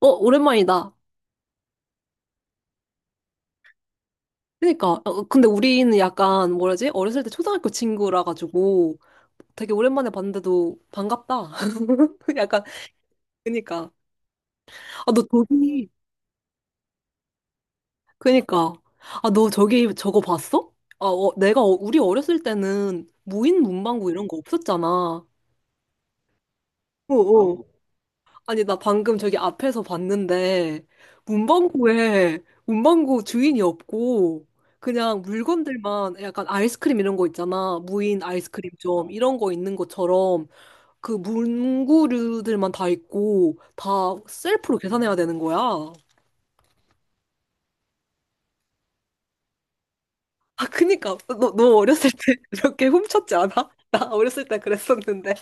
어, 오랜만이다. 그니까. 근데 우리는 약간, 뭐라지? 어렸을 때 초등학교 친구라 가지고 되게 오랜만에 봤는데도 반갑다. 약간, 그니까. 아, 너 저기. 그니까. 아, 너 저기 저거 봤어? 아, 우리 어렸을 때는 무인 문방구 이런 거 없었잖아. 어어. 아니, 나 방금 저기 앞에서 봤는데, 문방구 주인이 없고, 그냥 물건들만 약간 아이스크림 이런 거 있잖아. 무인 아이스크림점, 이런 거 있는 것처럼, 그 문구류들만 다 있고, 다 셀프로 계산해야 되는 거야. 아, 그니까. 너 어렸을 때 이렇게 훔쳤지 않아? 나 어렸을 때 그랬었는데.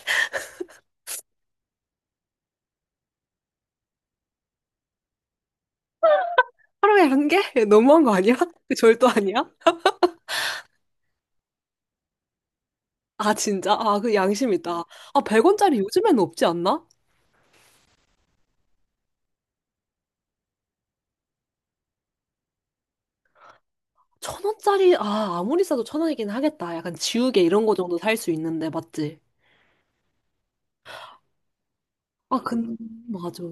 하루에 한 개? 너무한 거 아니야? 그 절도 아니야? 아, 진짜? 아, 그 양심 있다. 아, 100원짜리 요즘에는 없지 않나? 천 원짜리, 아, 아무리 싸도 천 원이긴 하겠다. 약간 지우개 이런 거 정도 살 수 있는데, 맞지? 아, 맞아.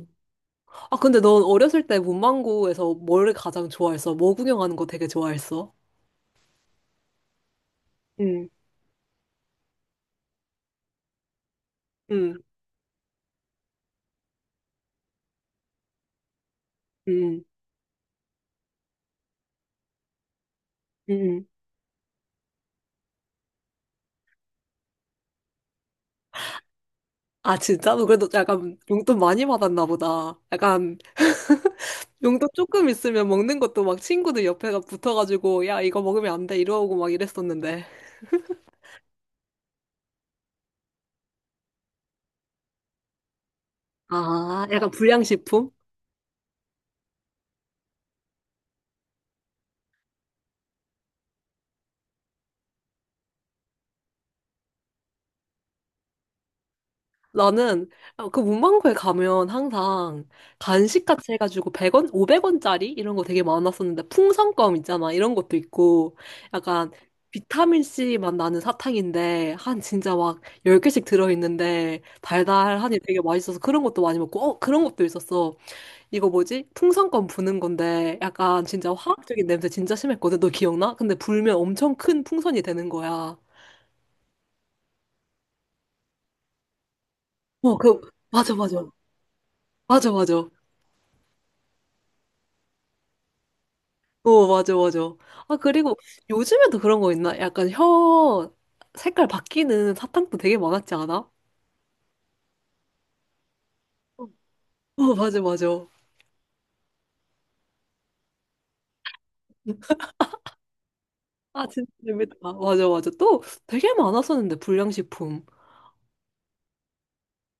아, 근데 넌 어렸을 때 문방구에서 뭘 가장 좋아했어? 뭐 구경하는 거 되게 좋아했어? 응, 응, 응, 응. 응. 아, 진짜? 너 그래도 약간 용돈 많이 받았나 보다. 약간 용돈 조금 있으면 먹는 것도 막 친구들 옆에가 붙어가지고, 야, 이거 먹으면 안 돼. 이러고 막 이랬었는데. 아, 약간 불량식품? 나는 그 문방구에 가면 항상 간식 같이 해가지고 100원, 500원짜리 이런 거 되게 많았었는데 풍선껌 있잖아. 이런 것도 있고 약간 비타민C 맛 나는 사탕인데 한 진짜 막 10개씩 들어있는데 달달하니 되게 맛있어서 그런 것도 많이 먹고, 그런 것도 있었어. 이거 뭐지? 풍선껌 부는 건데 약간 진짜 화학적인 냄새 진짜 심했거든. 너 기억나? 근데 불면 엄청 큰 풍선이 되는 거야. 어, 그 맞아 맞아. 맞아 맞아. 어, 맞아, 맞아. 아, 그리고 요즘에도 그런 거 있나? 약간 혀 색깔 바뀌는 사탕도 되게 많았지 않아? 어, 맞아, 맞아. 아, 진짜 재밌다. 맞아, 맞아. 또 되게 많았었는데, 불량식품.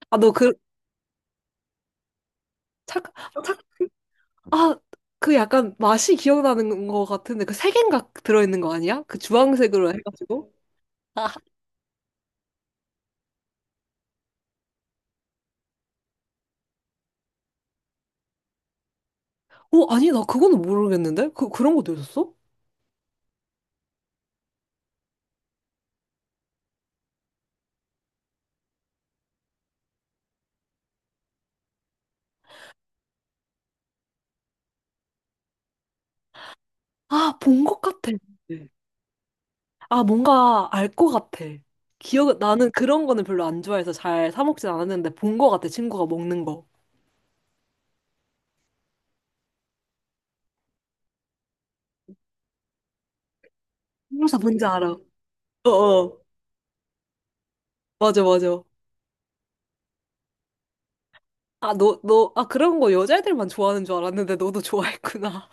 아, 너 착, 착, 아, 그 약간 맛이 기억나는 거 같은데, 그 세 개인가 들어있는 거 아니야? 그 주황색으로 해가지고. 아, 아니, 나 그거는 모르겠는데? 그런 것도 있었어? 아, 본 것 같아. 아, 뭔가 알 것 같아. 나는 그런 거는 별로 안 좋아해서 잘 사 먹진 않았는데 본 것 같아, 친구가 먹는 거. 홍사 뭔지 알아. 어어. 맞아, 맞아. 아, 아, 그런 거 여자애들만 좋아하는 줄 알았는데 너도 좋아했구나.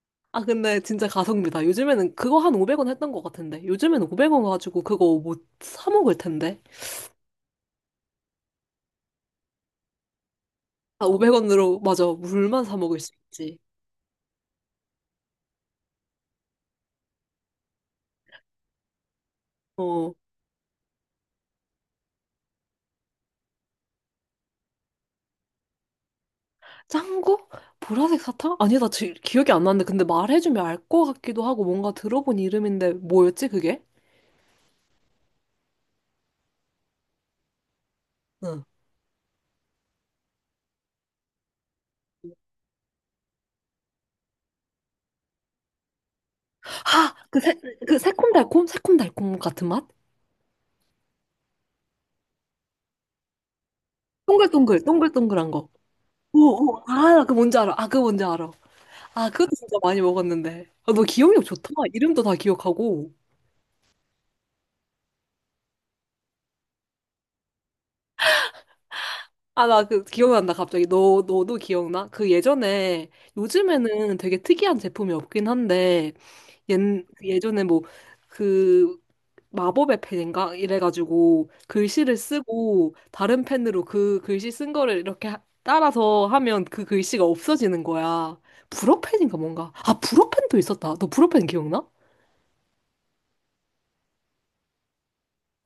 아, 근데 진짜 가성비다. 요즘에는 그거 한 500원 했던 것 같은데. 요즘에는 500원 가지고 그거 못 사 먹을 텐데. 아, 500원으로, 맞아. 물만 사 먹을 수 있지. 어. 짠 거? 보라색 사탕? 아니, 나 기억이 안 나는데. 근데 말해주면 알 것 같기도 하고, 뭔가 들어본 이름인데, 뭐였지, 그게? 응. 아! 그 새콤달콤? 새콤달콤 같은 맛? 동글동글한 거. 오, 오, 아, 나그 뭔지 알아. 아, 그 뭔지 알아. 아, 그것도 진짜 많이 먹었는데. 아, 너 기억력 좋다. 이름도 다 기억하고. 아, 나 그 기억난다, 갑자기. 너도 기억나? 그 예전에, 요즘에는 되게 특이한 제품이 없긴 한데, 옛, 그 예전에 뭐, 그, 마법의 펜인가? 이래가지고, 글씨를 쓰고, 다른 펜으로 그 글씨 쓴 거를 이렇게 따라서 하면 그 글씨가 없어지는 거야. 불어펜인가 뭔가? 아, 불어펜도 있었다. 너 불어펜 기억나?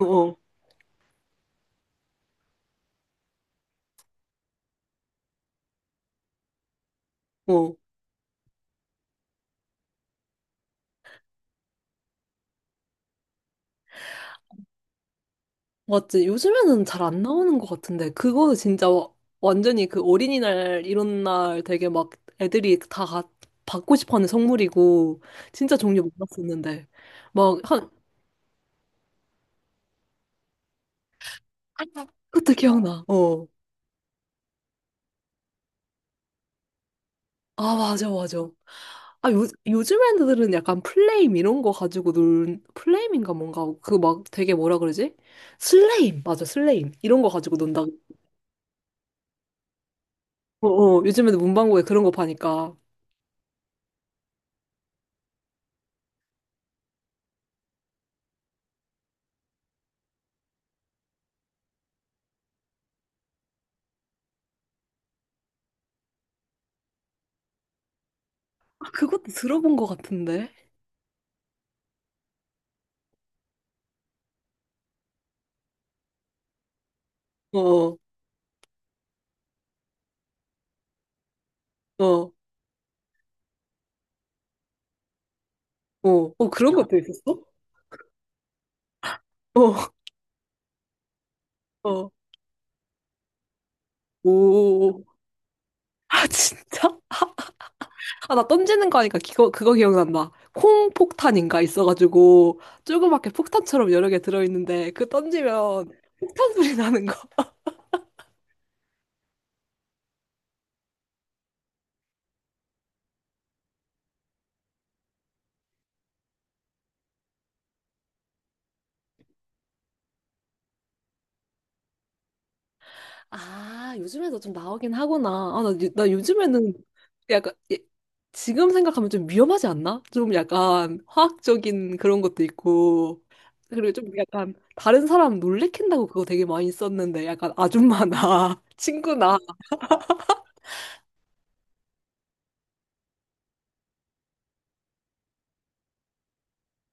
어, 어. 맞지. 요즘에는 잘 안 나오는 것 같은데, 그거는 진짜 완전히 그 어린이날, 이런 날 되게 막 애들이 다 받고 싶어 하는 선물이고, 진짜 종류 많았었는데. 막, 한. 그것도 기억나. 어. 아, 맞아, 맞아. 아, 요즘 애들은 약간 플레임 이런 거 가지고 플레임인가 뭔가, 그 막 되게 뭐라 그러지? 슬레임! 맞아, 슬레임. 이런 거 가지고 논다. 어, 어, 요즘 애들 문방구에 그런 거 파니까. 아, 그것도 들어본 것 같은데? 어, 어, 어, 어, 어, 그런 것도 있었어? 어, 어, 오. 아, 진짜? 아, 나 던지는 거 하니까 그거 기억난다. 콩 폭탄인가 있어가지고, 조그맣게 폭탄처럼 여러 개 들어있는데, 그 던지면 폭탄 소리 나는 거. 아, 요즘에도 좀 나오긴 하구나. 아, 나 요즘에는 약간, 예, 지금 생각하면 좀 위험하지 않나? 좀 약간 화학적인 그런 것도 있고, 그리고 좀 약간 다른 사람 놀래킨다고 그거 되게 많이 썼는데, 약간 아줌마나 친구나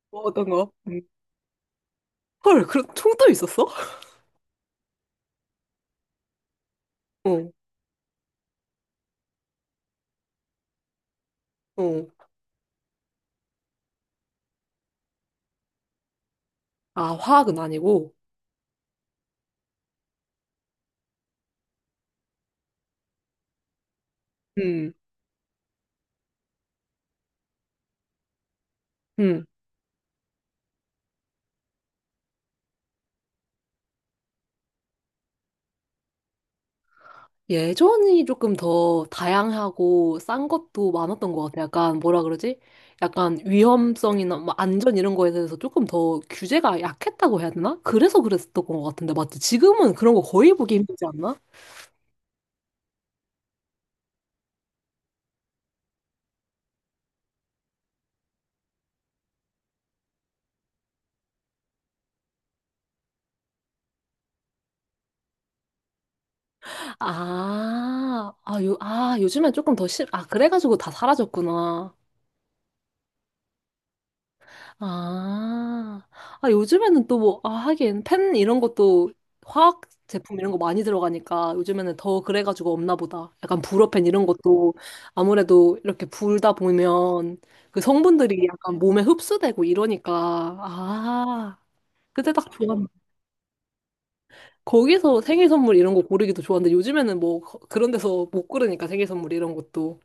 뭐 어떤 거. 음. 헐, 그런 총도 있었어? 어, 어. 아, 화학은 아니고. 음. 음. 예전이 조금 더 다양하고 싼 것도 많았던 것 같아. 약간 뭐라 그러지? 약간 위험성이나 뭐 안전 이런 거에 대해서 조금 더 규제가 약했다고 해야 되나? 그래서 그랬었던 것 같은데, 맞지? 지금은 그런 거 거의 보기 힘들지 않나? 아, 요즘엔 조금 더 아, 그래가지고 다 사라졌구나. 아, 요즘에는 또 뭐, 아, 하긴, 펜 이런 것도 화학 제품 이런 거 많이 들어가니까 요즘에는 더 그래가지고 없나 보다. 약간 불어펜 이런 것도 아무래도 이렇게 불다 보면 그 성분들이 약간 몸에 흡수되고 이러니까. 아, 그때 딱 좋았네. 거기서 생일 선물 이런 거 고르기도 좋았는데 요즘에는 뭐 그런 데서 못 고르니까 생일 선물 이런 것도.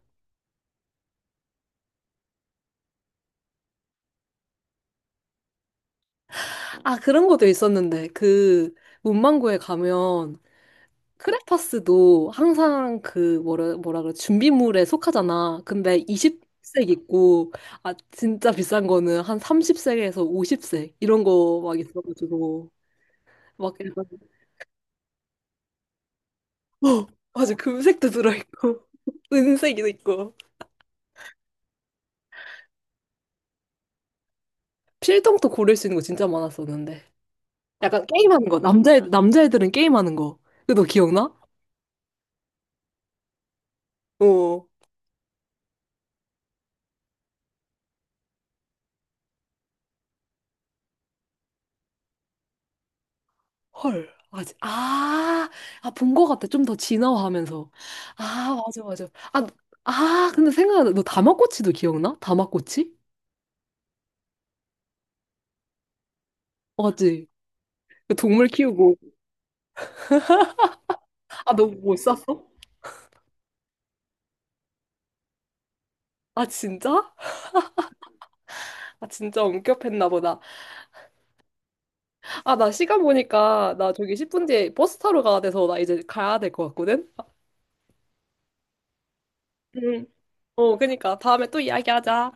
아, 그런 것도 있었는데 그 문방구에 가면 크레파스도 항상 그 뭐라 뭐라 그래 준비물에 속하잖아. 근데 20색 있고, 아 진짜 비싼 거는 한 30색에서 50색 이런 거 막 있어가지고 막 약간, 어, 맞아, 금색도 들어있고 은색이도 있고 필통도 고를 수 있는 거 진짜 많았었는데 약간 게임하는 거, 남자애들은 게임하는 거. 그거 너 기억나? 어. 헐. 아, 본 것 같아. 좀 더 진화하면서. 아, 맞아, 맞아. 아, 근데 생각나. 너 다마꼬치도 기억나? 다마꼬치? 맞지? 그 동물 키우고. 아, 너 못 샀어? 아, 진짜? 아, 진짜 엄격했나 보다. 아, 나 시간 보니까 나 저기 10분 뒤에 버스 타러 가야 돼서 나 이제 가야 될 것 같거든? 응. 어, 그니까. 다음에 또 이야기하자.